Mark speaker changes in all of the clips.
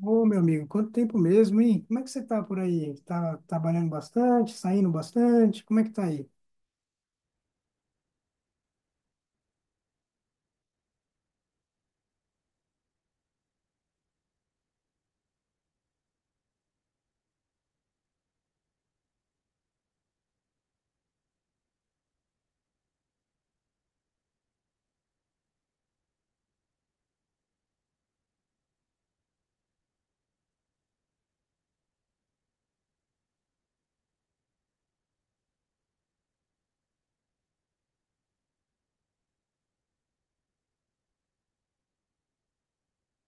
Speaker 1: Ô, meu amigo, quanto tempo mesmo, hein? Como é que você tá por aí? Tá trabalhando bastante, saindo bastante? Como é que tá aí?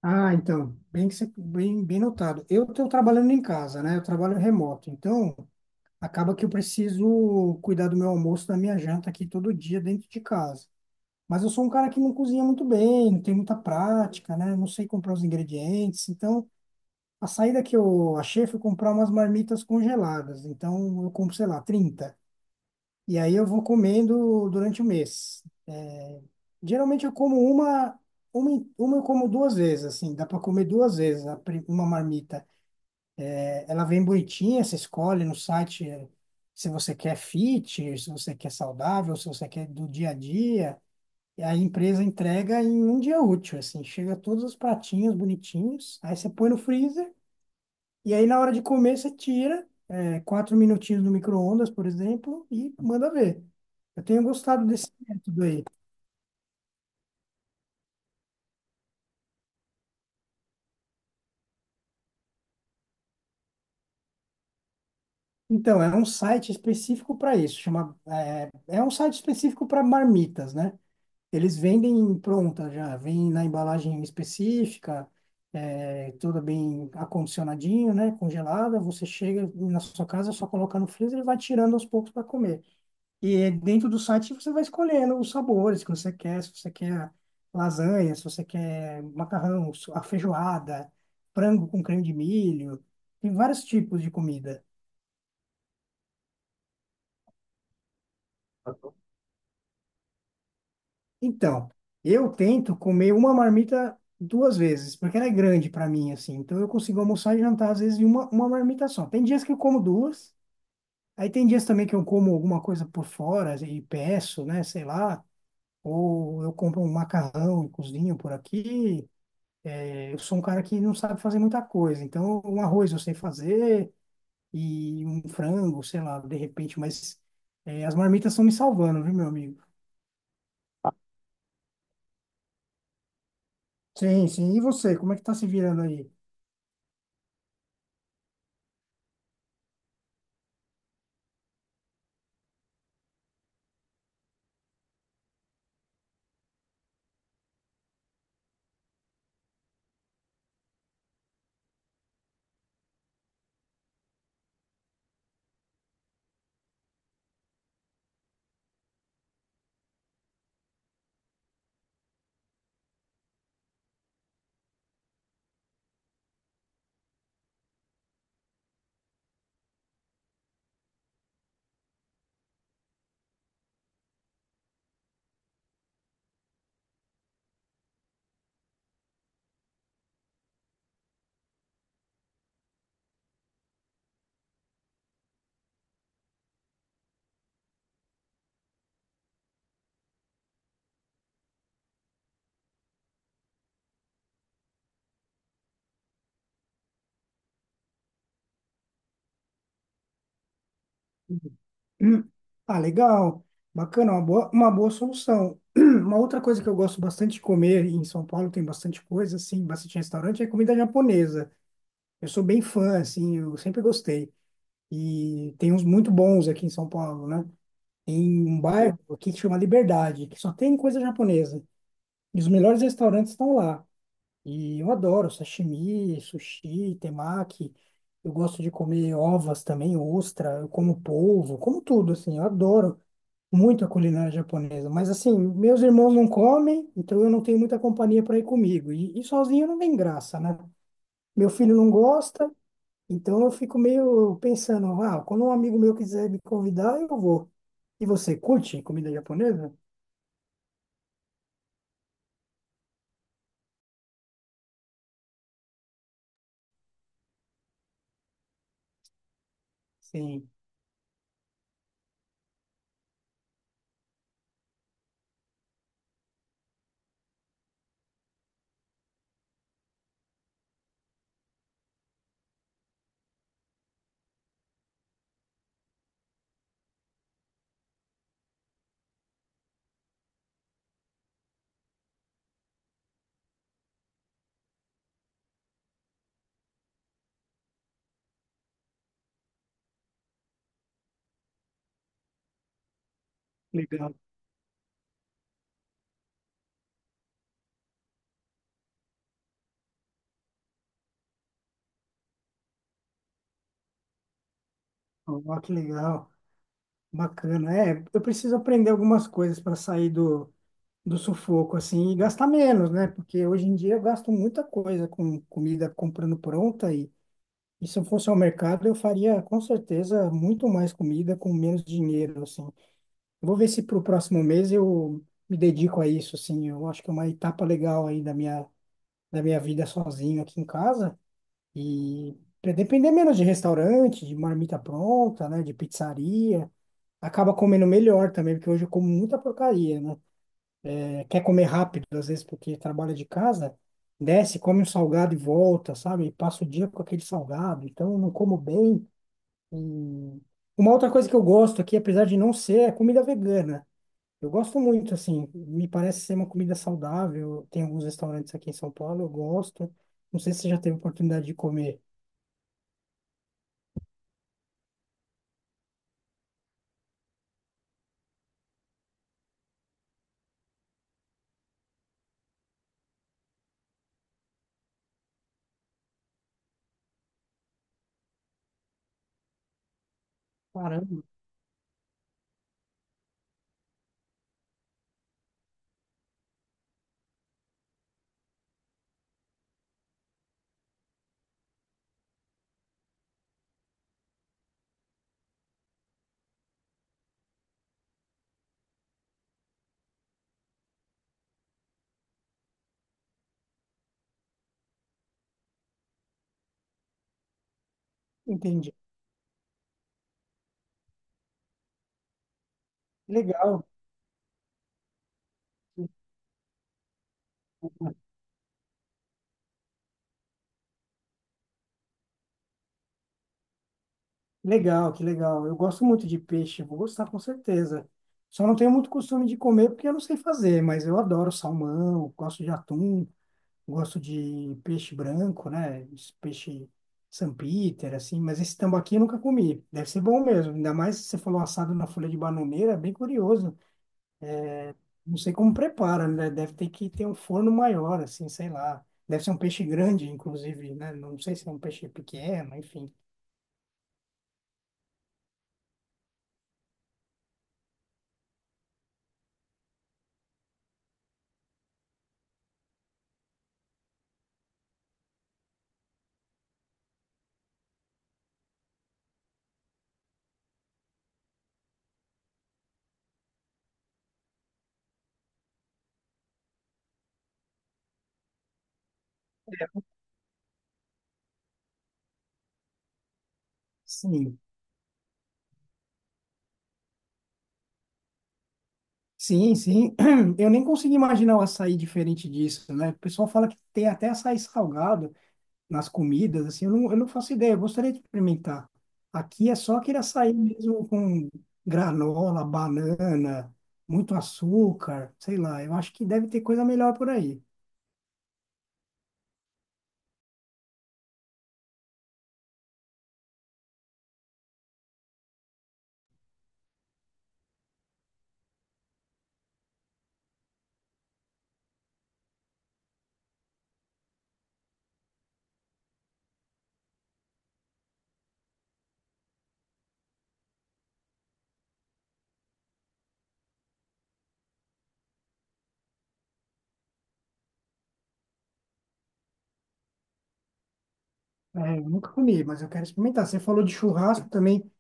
Speaker 1: Ah, então, bem, notado. Eu estou trabalhando em casa, né? Eu trabalho remoto, então acaba que eu preciso cuidar do meu almoço, da minha janta aqui todo dia dentro de casa. Mas eu sou um cara que não cozinha muito bem, não tem muita prática, né? Não sei comprar os ingredientes, então a saída que eu achei foi comprar umas marmitas congeladas. Então eu compro, sei lá, 30. E aí eu vou comendo durante o mês. É, Geralmente eu como uma, eu como duas vezes, assim, dá para comer duas vezes uma marmita. É, ela vem bonitinha, você escolhe no site, se você quer fit, se você quer saudável, se você quer do dia a dia. E a empresa entrega em um dia útil, assim, chega todos os pratinhos bonitinhos, aí você põe no freezer e aí na hora de comer você tira, quatro minutinhos no micro-ondas, por exemplo, e manda ver. Eu tenho gostado desse método aí. Então, é um site específico para isso. Chama, é um site específico para marmitas, né? Eles vendem pronta já, vem na embalagem específica, toda bem acondicionadinho, né? Congelada. Você chega na sua casa, só coloca no freezer e vai tirando aos poucos para comer. E é dentro do site você vai escolhendo os sabores que você quer, se você quer lasanha, se você quer a feijoada, frango com creme de milho, tem vários tipos de comida. Então, eu tento comer uma marmita duas vezes, porque ela é grande para mim, assim. Então, eu consigo almoçar e jantar, às vezes, em uma marmita só. Tem dias que eu como duas, aí tem dias também que eu como alguma coisa por fora e peço, né, sei lá, ou eu compro um macarrão e cozinho por aqui. Eu sou um cara que não sabe fazer muita coisa. Então, um arroz eu sei fazer e um frango, sei lá, de repente, mas as marmitas estão me salvando, viu, meu amigo? Sim, sim. E você, como é que tá se virando aí? Hum. Ah, legal. Bacana, uma boa solução. Uma outra coisa que eu gosto bastante de comer e em São Paulo, tem bastante coisa, assim, bastante restaurante, é comida japonesa. Eu sou bem fã, assim, eu sempre gostei. E tem uns muito bons aqui em São Paulo, né? Tem um bairro aqui que chama Liberdade, que só tem coisa japonesa. E os melhores restaurantes estão lá. E eu adoro sashimi, sushi, temaki. Eu gosto de comer ovas também, ostra, eu como polvo, como tudo, assim. Eu adoro muito a culinária japonesa. Mas, assim, meus irmãos não comem, então eu não tenho muita companhia para ir comigo. E sozinho não tem graça, né? Meu filho não gosta, então eu fico meio pensando, ah, quando um amigo meu quiser me convidar, eu vou. E você curte comida japonesa? Sim, legal. Ó, que legal, bacana. É, eu preciso aprender algumas coisas para sair do sufoco, assim, e gastar menos, né? Porque hoje em dia eu gasto muita coisa com comida comprando pronta e se eu fosse ao mercado, eu faria com certeza muito mais comida com menos dinheiro, assim. Vou ver se para o próximo mês eu me dedico a isso, assim. Eu acho que é uma etapa legal aí da minha vida sozinho aqui em casa. E para depender menos de restaurante, de marmita pronta, né? De pizzaria. Acaba comendo melhor também, porque hoje eu como muita porcaria, né? Quer comer rápido, às vezes, porque trabalha de casa, desce, come um salgado e volta, sabe? E passa o dia com aquele salgado. Então, eu não como bem. E uma outra coisa que eu gosto aqui, apesar de não ser, é comida vegana. Eu gosto muito, assim, me parece ser uma comida saudável. Tem alguns restaurantes aqui em São Paulo, eu gosto. Não sei se você já teve oportunidade de comer. Caramba, entendi. Legal, que que legal. Eu gosto muito de peixe, vou gostar com certeza. Só não tenho muito costume de comer porque eu não sei fazer, mas eu adoro salmão, gosto de atum, gosto de peixe branco, né? Esse peixe Sampiter, assim, mas esse tambaqui eu nunca comi. Deve ser bom mesmo, ainda mais se você falou assado na folha de bananeira, é bem curioso. Não sei como prepara, né? Deve ter que ter um forno maior, assim, sei lá. Deve ser um peixe grande, inclusive, né? Não sei se é um peixe pequeno, enfim. Sim, sim. Eu nem consigo imaginar o açaí diferente disso, né? O pessoal fala que tem até açaí salgado nas comidas, assim, eu não faço ideia, eu gostaria de experimentar. Aqui é só aquele açaí mesmo com granola, banana, muito açúcar, sei lá. Eu acho que deve ter coisa melhor por aí. É, eu nunca comi, mas eu quero experimentar. Você falou de churrasco também.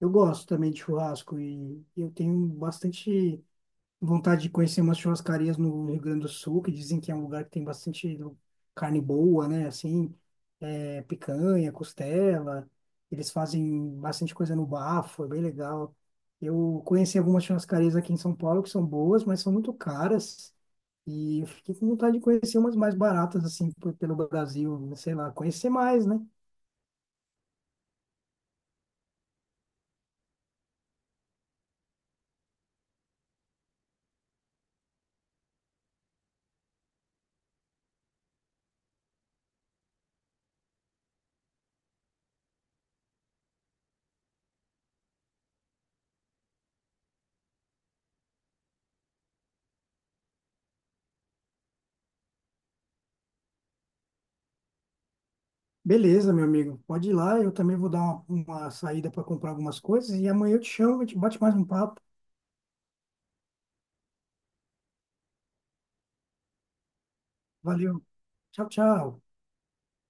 Speaker 1: Eu gosto também de churrasco e eu tenho bastante vontade de conhecer umas churrascarias no Rio Grande do Sul, que dizem que é um lugar que tem bastante carne boa, né? Assim, é, picanha, costela. Eles fazem bastante coisa no bafo, é bem legal. Eu conheci algumas churrascarias aqui em São Paulo que são boas, mas são muito caras. E eu fiquei com vontade de conhecer umas mais baratas, assim, pelo Brasil, né, sei lá, conhecer mais, né? Beleza, meu amigo. Pode ir lá, eu também vou dar uma saída para comprar algumas coisas e amanhã eu te chamo, a gente bate mais um papo. Valeu. Tchau, tchau.